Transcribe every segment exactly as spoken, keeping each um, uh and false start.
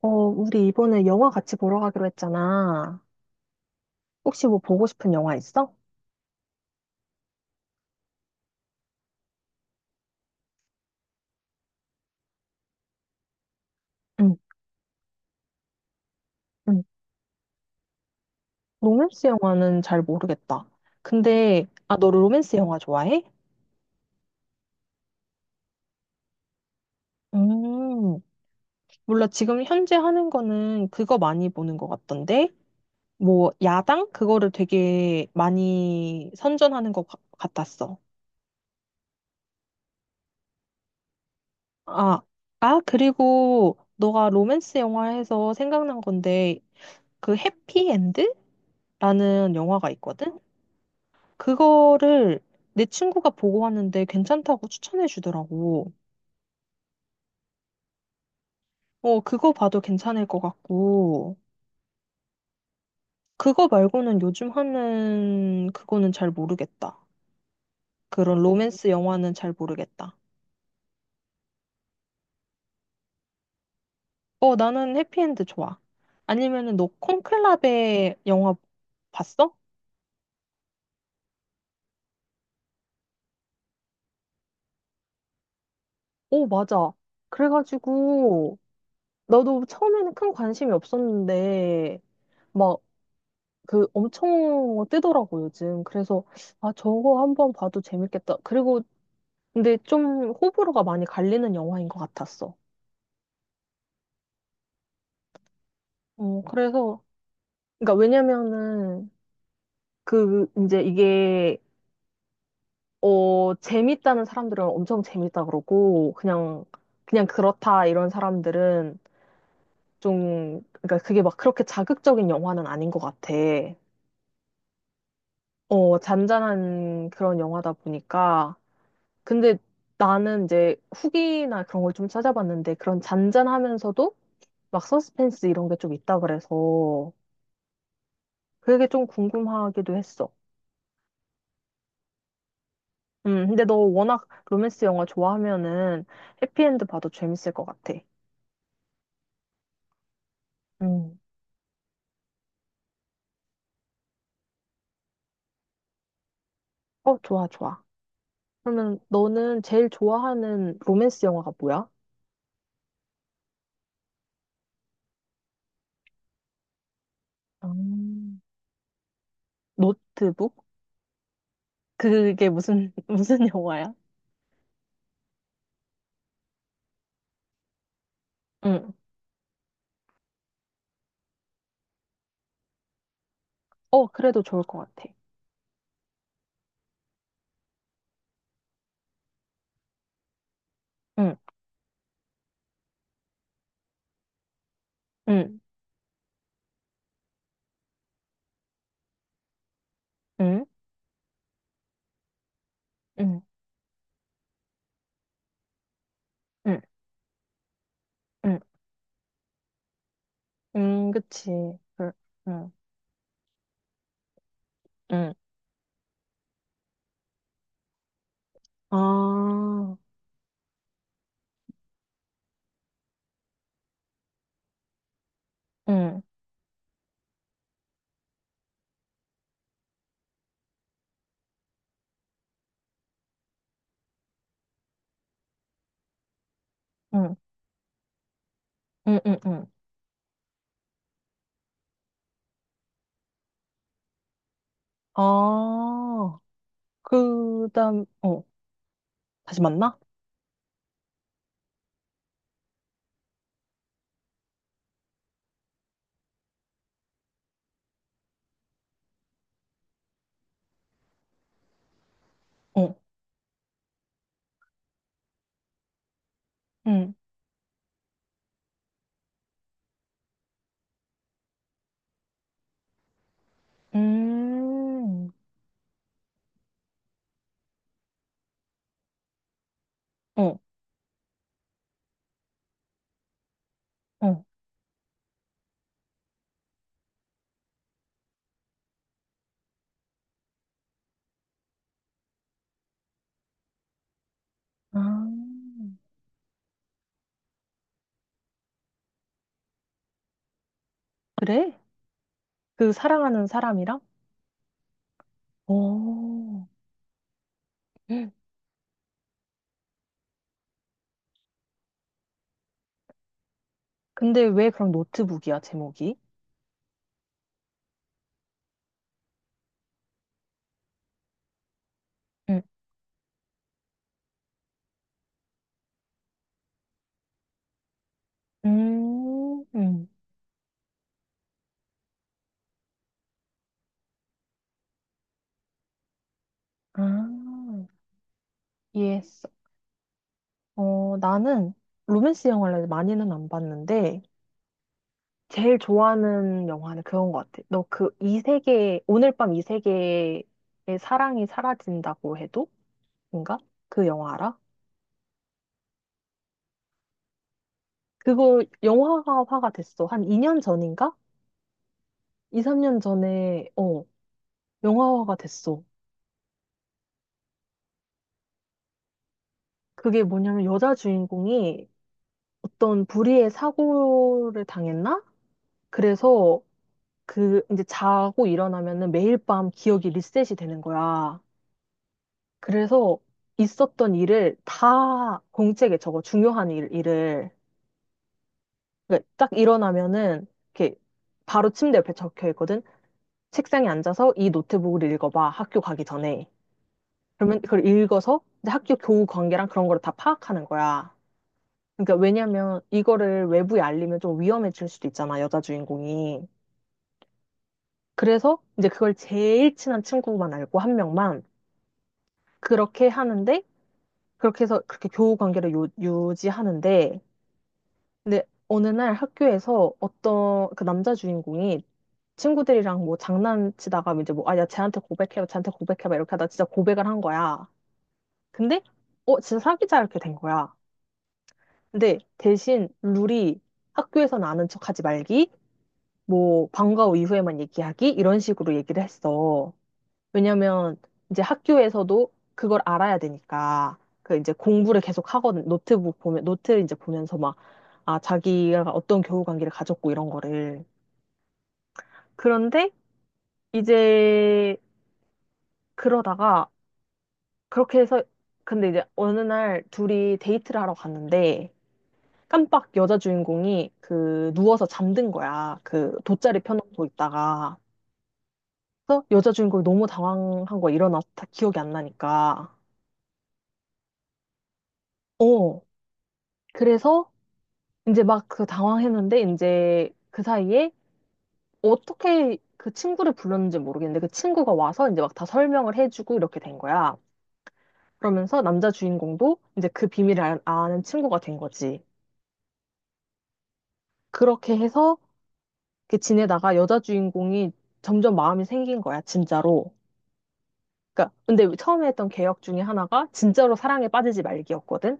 어, 우리 이번에 영화 같이 보러 가기로 했잖아. 혹시 뭐 보고 싶은 영화 있어? 응, 응. 로맨스 영화는 잘 모르겠다. 근데, 아, 너 로맨스 영화 좋아해? 음, 몰라. 지금 현재 하는 거는 그거 많이 보는 것 같던데? 뭐, 야당? 그거를 되게 많이 선전하는 것 같- 같았어. 아, 아, 그리고 너가 로맨스 영화에서 생각난 건데, 그 해피엔드? 라는 영화가 있거든? 그거를 내 친구가 보고 왔는데 괜찮다고 추천해 주더라고. 어, 그거 봐도 괜찮을 것 같고, 그거 말고는 요즘 하는 그거는 잘 모르겠다. 그런 로맨스 영화는 잘 모르겠다. 어, 나는 해피엔드 좋아. 아니면은 너 콘클라베 영화 봤어? 오, 맞아. 그래가지고, 나도 처음에는 큰 관심이 없었는데, 막 그 엄청 뜨더라고, 요즘. 그래서, 아, 저거 한번 봐도 재밌겠다. 그리고, 근데 좀 호불호가 많이 갈리는 영화인 것 같았어. 어, 그래서, 그러니까 왜냐면은, 그, 이제 이게, 어, 재밌다는 사람들은 엄청 재밌다 그러고, 그냥, 그냥 그렇다, 이런 사람들은 좀, 그러니까 그게 막 그렇게 자극적인 영화는 아닌 것 같아. 어, 잔잔한 그런 영화다 보니까, 근데 나는 이제 후기나 그런 걸 좀 찾아봤는데 그런 잔잔하면서도 막 서스펜스 이런 게 좀 있다 그래서 그게 좀 궁금하기도 했어. 음, 근데 너 워낙 로맨스 영화 좋아하면은 해피엔드 봐도 재밌을 것 같아. 음. 어, 좋아, 좋아. 그러면 너는 제일 좋아하는 로맨스 영화가 뭐야? 음. 노트북? 그게 무슨, 무슨 영화야? 응. 어, 그래도 좋을 것 같아. 응, 응, 응, 응, 응, 응. 음, 그치. 그, 응, 응. 아, 응, 응, 응, 응, 응. 아, 그 다음, 어, 다시 만나? 어, 응, 음, 어, 어. 아, 그래? 그 사랑하는 사람이랑? 오, 근데 왜 그럼 노트북이야, 제목이? 응, 음, 음. 아, 이해했어. 어, 나는 로맨스 영화를 많이는 안 봤는데, 제일 좋아하는 영화는 그건 것 같아. 너 그 이 세계, 오늘 밤 이 세계의 사랑이 사라진다고 해도? 인가? 그 영화 알아? 그거 영화화가 됐어. 한 이 년 전인가? 이, 삼 년 전에, 어, 영화화가 됐어. 그게 뭐냐면 여자 주인공이 어떤 불의의 사고를 당했나? 그래서 그 이제 자고 일어나면은 매일 밤 기억이 리셋이 되는 거야. 그래서 있었던 일을 다 공책에 적어, 중요한 일, 일을. 그러니까 딱 일어나면은, 이렇게 바로 침대 옆에 적혀 있거든. 책상에 앉아서 이 노트북을 읽어봐, 학교 가기 전에. 그러면 그걸 읽어서 이제 학교 교우 관계랑 그런 거를 다 파악하는 거야. 그러니까 왜냐면 이거를 외부에 알리면 좀 위험해질 수도 있잖아, 여자 주인공이. 그래서 이제 그걸 제일 친한 친구만 알고 한 명만 그렇게 하는데, 그렇게 해서 그렇게 교우 관계를 유, 유지하는데, 근데 어느 날 학교에서 어떤 그 남자 주인공이 친구들이랑 뭐 장난치다가 이제 뭐, 아, 야, 쟤한테 고백해봐, 쟤한테 고백해봐, 이렇게 하다 진짜 고백을 한 거야. 근데, 어, 진짜 사귀자, 이렇게 된 거야. 근데 대신 룰이 학교에서는 아는 척 하지 말기, 뭐, 방과 후 이후에만 얘기하기, 이런 식으로 얘기를 했어. 왜냐면 이제 학교에서도 그걸 알아야 되니까 그 이제 공부를 계속 하거든. 노트북 보면 노트 이제 보면서 막 아, 자기가 어떤 교우 관계를 가졌고 이런 거를. 그런데 이제 그러다가 그렇게 해서 근데 이제 어느 날 둘이 데이트를 하러 갔는데 깜빡 여자 주인공이 그 누워서 잠든 거야. 그 돗자리 펴놓고 있다가. 그래서 여자 주인공이 너무 당황한 거야. 일어나서 다 기억이 안 나니까. 어. 그래서 이제 막 그 당황했는데 이제 그 사이에 어떻게 그 친구를 불렀는지 모르겠는데 그 친구가 와서 이제 막 다 설명을 해주고 이렇게 된 거야. 그러면서 남자 주인공도 이제 그 비밀을 아- 아는 친구가 된 거지. 그렇게 해서 이렇게 지내다가 여자 주인공이 점점 마음이 생긴 거야, 진짜로. 그러니까 근데 처음에 했던 개혁 중에 하나가 진짜로 사랑에 빠지지 말기였거든.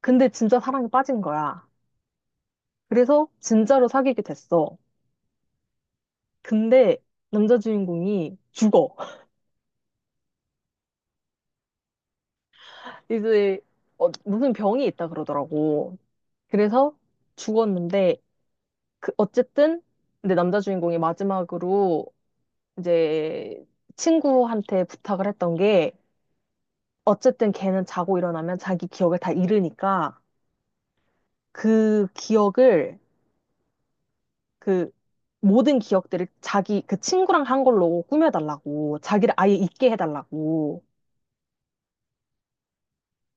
근데 진짜 사랑에 빠진 거야. 그래서 진짜로 사귀게 됐어. 근데 남자 주인공이 죽어. 이제 어, 무슨 병이 있다 그러더라고. 그래서 죽었는데 그 어쨌든 근데 남자 주인공이 마지막으로 이제 친구한테 부탁을 했던 게 어쨌든 걔는 자고 일어나면 자기 기억을 다 잃으니까 그 기억을 그 모든 기억들을 자기 그 친구랑 한 걸로 꾸며달라고 자기를 아예 잊게 해달라고.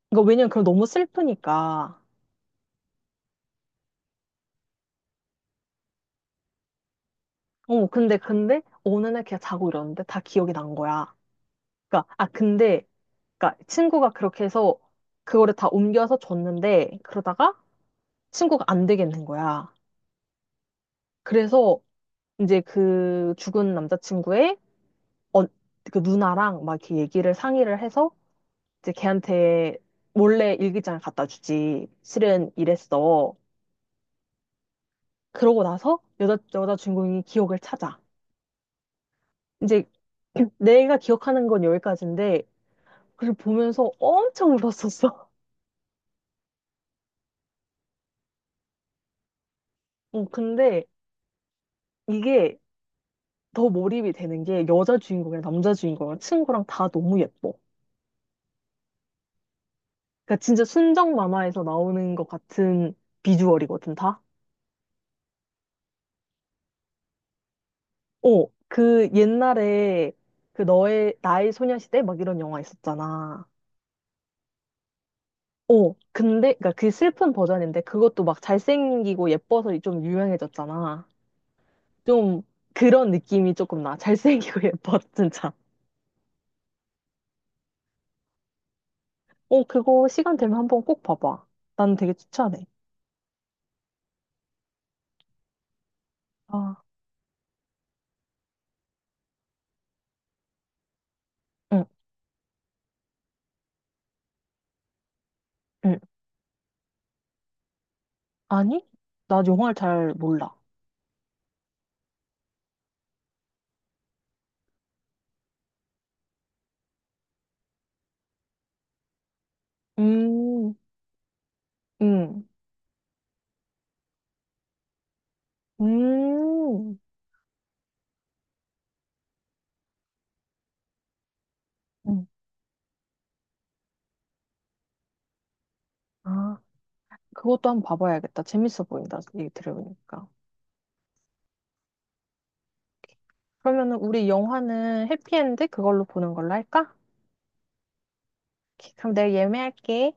그러니까 왜냐면 그럼 너무 슬프니까. 어 근데 근데 어느 날 걔가 자고 일어났는데 다 기억이 난 거야. 그러니까 아 근데 그러니까 친구가 그렇게 해서 그거를 다 옮겨서 줬는데 그러다가 친구가 안 되겠는 거야. 그래서 이제 그 죽은 남자친구의 어, 그 누나랑 막 이렇게 얘기를 상의를 해서 이제 걔한테 몰래 일기장을 갖다 주지. 실은 이랬어. 그러고 나서 여자 여자 주인공이 기억을 찾아. 이제 내가 기억하는 건 여기까지인데 그걸 보면서 엄청 울었었어. 어, 근데 이게 더 몰입이 되는 게 여자 주인공이랑 남자 주인공이랑 친구랑 다 너무 예뻐. 그러니까 진짜 순정 만화에서 나오는 것 같은 비주얼이거든, 다. 어, 그 옛날에 그 너의, 나의 소녀시대 막 이런 영화 있었잖아. 어, 근데, 그니까 그 슬픈 버전인데 그것도 막 잘생기고 예뻐서 좀 유명해졌잖아. 좀 그런 느낌이 조금 나. 잘생기고 예뻐, 진짜. 어, 그거 시간 되면 한번 꼭 봐봐. 난 되게 추천해. 아, 응, 응. 아니? 나 영화를 잘 몰라. 음, 음, 음. 응. 아, 그것도 한번 봐봐야겠다. 재밌어 보인다. 얘기 들어보니까. 그러면은 우리 영화는 해피엔드 그걸로 보는 걸로 할까? 오케이, 그럼 내가 예매할게.